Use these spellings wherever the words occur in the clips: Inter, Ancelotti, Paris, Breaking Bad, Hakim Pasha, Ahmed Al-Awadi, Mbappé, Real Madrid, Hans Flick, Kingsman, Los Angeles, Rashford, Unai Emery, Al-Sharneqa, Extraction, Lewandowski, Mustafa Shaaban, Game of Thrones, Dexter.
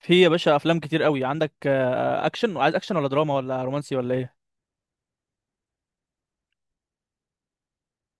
في يا باشا افلام كتير قوي عندك، اكشن. وعايز اكشن ولا دراما ولا رومانسي ولا ايه؟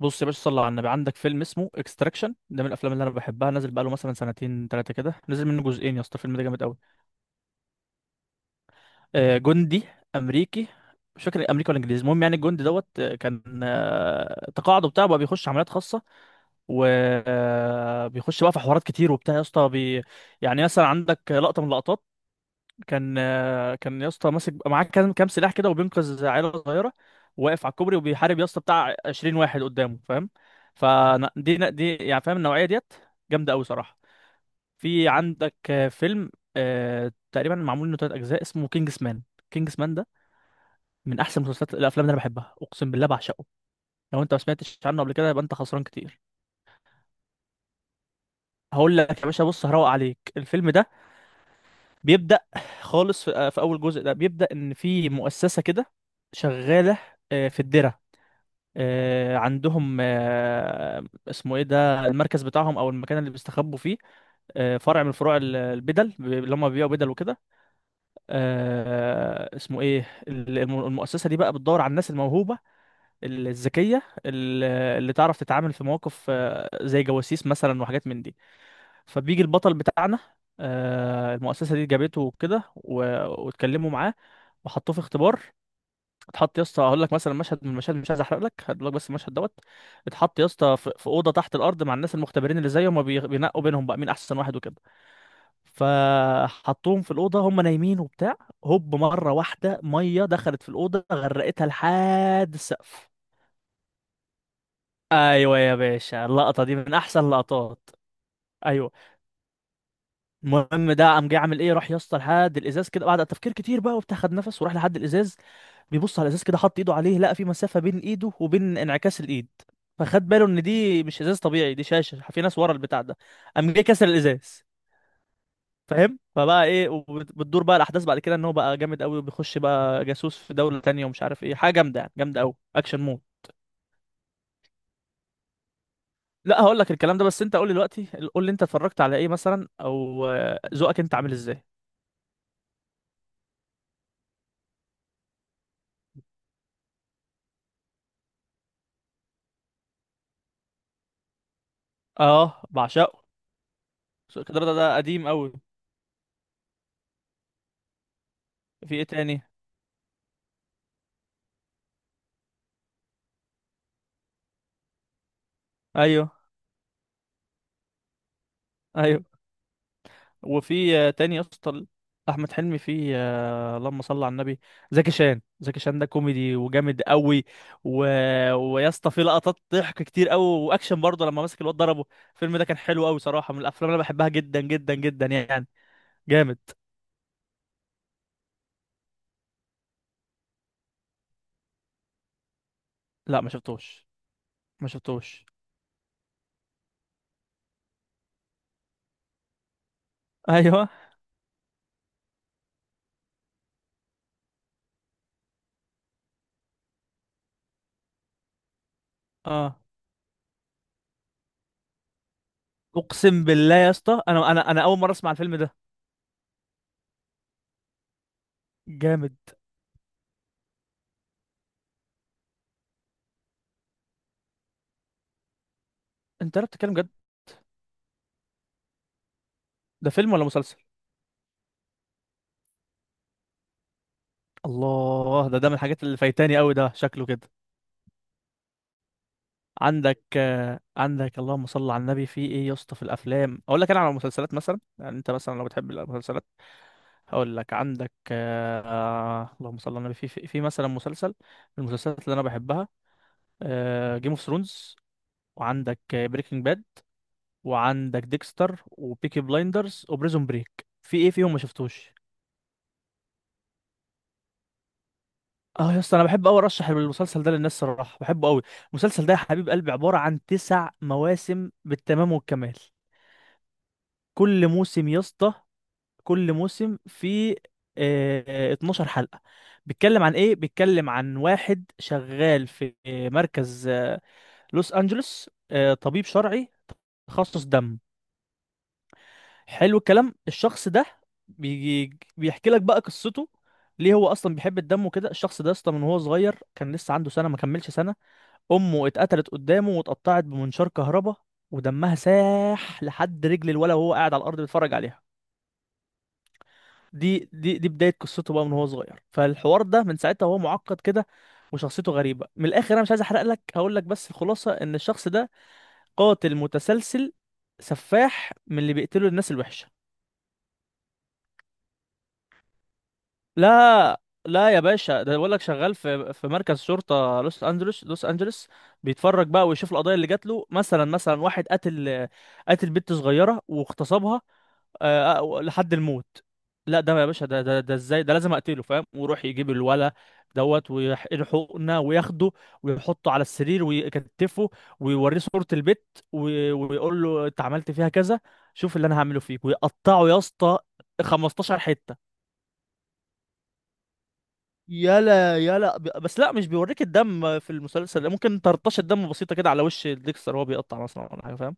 بص يا باشا، صلى على النبي، عندك فيلم اسمه اكستراكشن. ده من الافلام اللي انا بحبها، نازل بقاله مثلا سنتين ثلاثه كده، نزل منه جزئين يا اسطى. الفيلم ده جامد قوي. جندي امريكي، مش فاكر امريكا ولا انجليزي، المهم يعني الجندي دوت كان تقاعده بتاعه بقى بيخش عمليات خاصه، وبيخش بقى في حوارات كتير وبتاع يا اسطى يعني مثلا عندك لقطه من اللقطات. كان كان يا اسطى ماسك معاه كام سلاح كده، وبينقذ عيله صغيره، واقف على الكوبري وبيحارب يا اسطى بتاع 20 واحد قدامه، فاهم؟ يعني فاهم النوعيه ديت، جامده قوي صراحه. في عندك فيلم تقريبا معمول منه ثلاث اجزاء، اسمه كينجز مان. كينجز مان ده من احسن مسلسلات الافلام اللي انا بحبها، اقسم بالله بعشقه. لو انت ما سمعتش عنه قبل كده يبقى انت خسران كتير. هقول لك يا باشا، بص هروق عليك الفيلم ده. بيبدأ خالص في أول جزء، ده بيبدأ إن في مؤسسة كده شغالة، في الدرة، عندهم اسمه ايه ده، المركز بتاعهم او المكان اللي بيستخبوا فيه، فرع من فروع البدل، اللي هم بيبيعوا بدل وكده. اسمه ايه المؤسسة دي بقى بتدور على الناس الموهوبة، الذكية، اللي تعرف تتعامل في مواقف زي جواسيس مثلا وحاجات من دي. فبيجي البطل بتاعنا، المؤسسه دي جابته وكده واتكلموا معاه وحطوه في اختبار. اتحط يا اسطى، هقول لك مثلا مشهد من المشاهد، مش عايز احرق لك، هقول لك بس المشهد دوت. اتحط يا اسطى في اوضه تحت الارض مع الناس المختبرين اللي زيه، هما بينقوا بينهم بقى مين احسن واحد وكده. فحطوهم في الاوضه هما نايمين وبتاع، هوب مره واحده ميه دخلت في الاوضه غرقتها لحد السقف. ايوه يا باشا، اللقطه دي من احسن لقطات. ايوه، المهم ده قام جاي عامل ايه، راح يا اسطى لحد الازاز كده، بعد تفكير كتير بقى وبتاع، خد نفس وراح لحد الازاز. بيبص على الازاز كده، حط ايده عليه، لقى في مسافه بين ايده وبين انعكاس الايد، فخد باله ان دي مش ازاز طبيعي، دي شاشه في ناس ورا البتاع ده. قام جاي كسر الازاز، فاهم؟ فبقى ايه، وبتدور بقى الاحداث بعد كده ان هو بقى جامد قوي، وبيخش بقى جاسوس في دوله تانية، ومش عارف ايه، حاجه جامده يعني، جامده قوي، اكشن مود. لا هقول لك الكلام ده، بس انت قول لي دلوقتي، قول لي انت اتفرجت على ايه مثلا، او ذوقك انت عامل ازاي. اه بعشقه. كدرادة ده قديم قوي. في ايه تاني؟ ايوه، ايوه. وفي تاني يا اسطى، احمد حلمي في اللهم صل على النبي، زكي شان. زكي شان ده كوميدي وجامد قوي. و... ويا اسطى في لقطات ضحك كتير قوي، واكشن برضه لما مسك الواد ضربه. الفيلم ده كان حلو قوي صراحه، من الافلام اللي انا بحبها جدا جدا جدا يعني. جامد. لا ما شفتوش. ما شفتوش. ايوه. اه. اقسم بالله يا اسطى، انا اول مره اسمع الفيلم ده. جامد. انت لا بتتكلم جد؟ ده فيلم ولا مسلسل؟ الله، ده ده من الحاجات اللي فايتاني قوي، ده شكله كده. عندك عندك اللهم صل على النبي في ايه يا اسطى في الافلام؟ اقول لك انا على المسلسلات مثلا يعني، انت مثلا لو بتحب المسلسلات. هقول لك عندك اللهم صل على النبي، في في مثلا مسلسل من المسلسلات اللي انا بحبها: جيم اوف ثرونز، وعندك بريكنج باد، وعندك ديكستر وبيكي بلايندرز وبريزون بريك. في ايه فيهم ما شفتوش؟ اه يا اسطى، انا بحب قوي ارشح المسلسل ده للناس صراحه، بحبه قوي. المسلسل ده يا حبيب قلبي عباره عن تسع مواسم بالتمام والكمال. كل موسم يا اسطى، كل موسم فيه 12 حلقه. بيتكلم عن ايه؟ بيتكلم عن واحد شغال في مركز لوس انجلوس، طبيب شرعي تخصص دم. حلو. الكلام الشخص ده، بيجي بيحكي لك بقى قصته، ليه هو اصلا بيحب الدم وكده. الشخص ده اصلا من هو صغير، كان لسه عنده سنه ما كملش سنه، امه اتقتلت قدامه واتقطعت بمنشار كهرباء، ودمها ساح لحد رجل الولا وهو قاعد على الارض بيتفرج عليها. دي بدايه قصته بقى من هو صغير، فالحوار ده من ساعتها وهو معقد كده، وشخصيته غريبه من الاخر. انا مش عايز احرق لك، هقول لك بس الخلاصه ان الشخص ده قاتل متسلسل، سفاح، من اللي بيقتلوا الناس الوحشه. لا يا باشا، ده بقول لك شغال في مركز شرطه لوس انجلوس، لوس انجلوس. بيتفرج بقى ويشوف القضايا اللي جات له، مثلا مثلا واحد قتل، قتل بنت صغيره واغتصبها لحد الموت. لا ده يا باشا، ده ازاي، ده لازم اقتله، فاهم؟ ويروح يجيب الولا دوت، ويحقنه وياخده ويحطه على السرير ويكتفه، ويوريه صورة البت، ويقول له انت عملت فيها كذا، شوف اللي انا هعمله فيك، ويقطعه يا اسطى 15 حتة. بس لا، مش بيوريك الدم في المسلسل ده، ممكن ترطشة دم بسيطة كده على وش ديكستر وهو بيقطع مثلا ولا حاجة، فاهم؟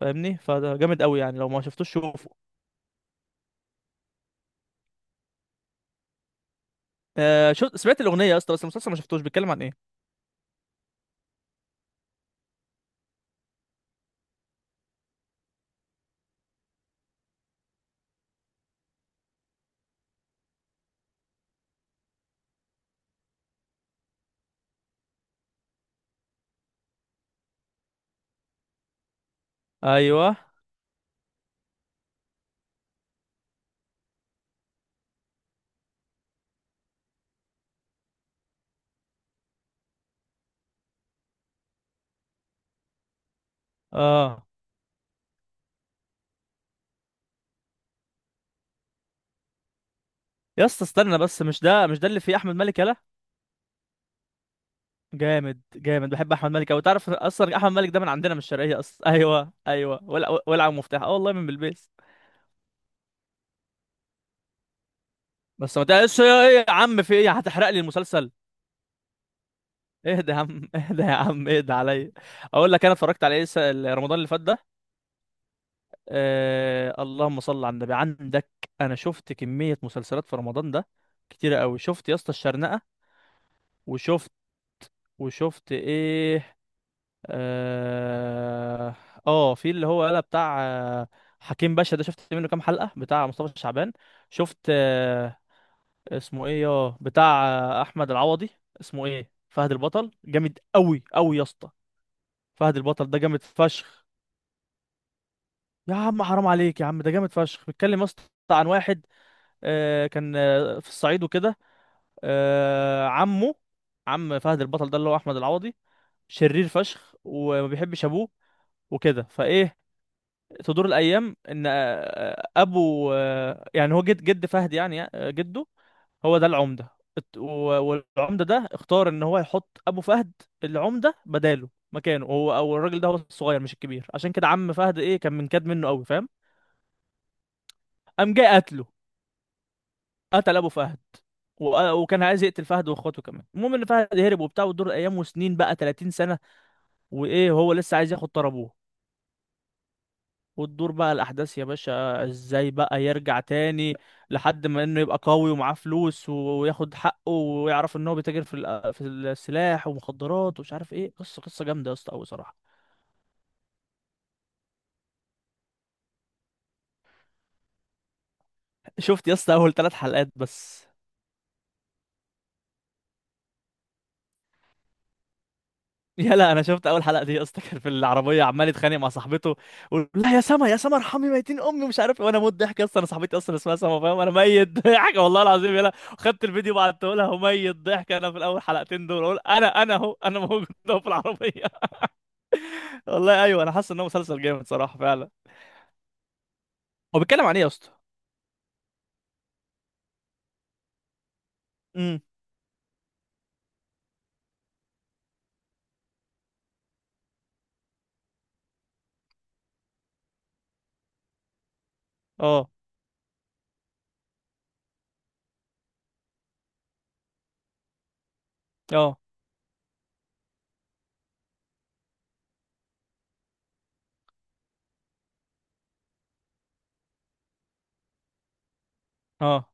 فاهمني؟ فده جامد قوي يعني، لو ما شفتوش شوفه. آه شو، سمعت الأغنية يا اسطى، بس المسلسل ما شفتوش، بيتكلم عن ايه؟ ايوه. اه. يا اسطى استنى بس، مش ده مش ده اللي فيه أحمد مالك؟ يلا جامد جامد، بحب أحمد مالك أوي. تعرف أصلا أحمد مالك ده من عندنا من الشرقية أصلا؟ ايوه ايوه، ولع ولع مفتاح، اه والله، من بلبيس. بس ما تقلقش ايه يا عم، في ايه هتحرق لي المسلسل؟ اهدى يا عم، اهدى يا عم، اهدى عليا. اقول لك انا اتفرجت على ايه رمضان اللي فات ده. اللهم صل على النبي، عندك، انا شفت كمية مسلسلات في رمضان ده كتيرة قوي. شفت يا اسطى الشرنقة، وشفت، وشفت ايه، اه, في اللي هو قال بتاع حكيم باشا، ده شفت منه كام حلقة، بتاع مصطفى شعبان. شفت اسمه ايه يا بتاع، احمد العوضي، اسمه ايه، فهد البطل. جامد قوي قوي يا اسطى. فهد البطل ده جامد فشخ، يا عم حرام عليك يا عم، ده جامد فشخ. بيتكلم يا اسطى عن واحد كان في الصعيد وكده. عمه، عم فهد البطل ده اللي هو احمد العوضي، شرير فشخ وما بيحبش ابوه وكده فايه. تدور الايام ان ابو يعني هو جد فهد يعني جده، هو ده العمده. الت- و- والعمده ده اختار ان هو يحط ابو فهد العمده بداله مكانه هو، او الراجل ده هو الصغير مش الكبير. عشان كده عم فهد ايه، كان منكد منه قوي، فاهم؟ قام جاي قتله، قتل ابو فهد، وكان عايز يقتل فهد واخواته كمان. المهم ان فهد هرب وبتاع، وتدور ايام وسنين بقى 30 سنه وايه، هو لسه عايز ياخد طار ابوه. وتدور بقى الاحداث يا باشا ازاي بقى يرجع تاني، لحد ما انه يبقى قوي ومعاه فلوس وياخد حقه، ويعرف ان هو بيتاجر في في السلاح ومخدرات ومش عارف ايه. قصه قصه جامده يا اسطى قوي صراحه. شفت يا اسطى اول ثلاث حلقات بس. يلا انا شفت اول حلقه دي يا اسطى، كان في العربيه عمال يتخانق مع صاحبته، ويقول لا يا سما يا سما ارحمي ميتين امي مش عارف إيه، وانا موت ضحك يا اسطى، انا صاحبتي اصلا اسمها سما، فاهم؟ انا ميت ضحك والله العظيم، يلا خدت الفيديو وبعته لها، وميت ضحك. انا في الاول حلقتين دول اقول انا اهو، انا موجود اهو في العربيه. والله ايوه، انا حاسس انه مسلسل جامد صراحه فعلا. هو بيتكلم عن ايه يا اسطى؟ امم اه. اه. اه.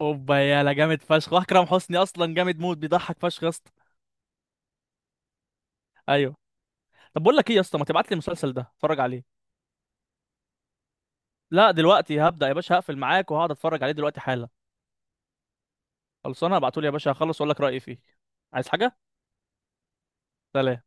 اوبا، يلا جامد فشخ، واكرم حسني اصلا جامد، موت بيضحك فشخ يا اسطى. ايوه. طب بقول لك ايه يا اسطى، ما تبعت لي المسلسل ده اتفرج عليه. لا دلوقتي هبدأ يا باشا، هقفل معاك وهقعد اتفرج عليه دلوقتي حالا. خلصانه، ابعتولي يا باشا، هخلص واقول لك رأيي فيه. عايز حاجة؟ سلام.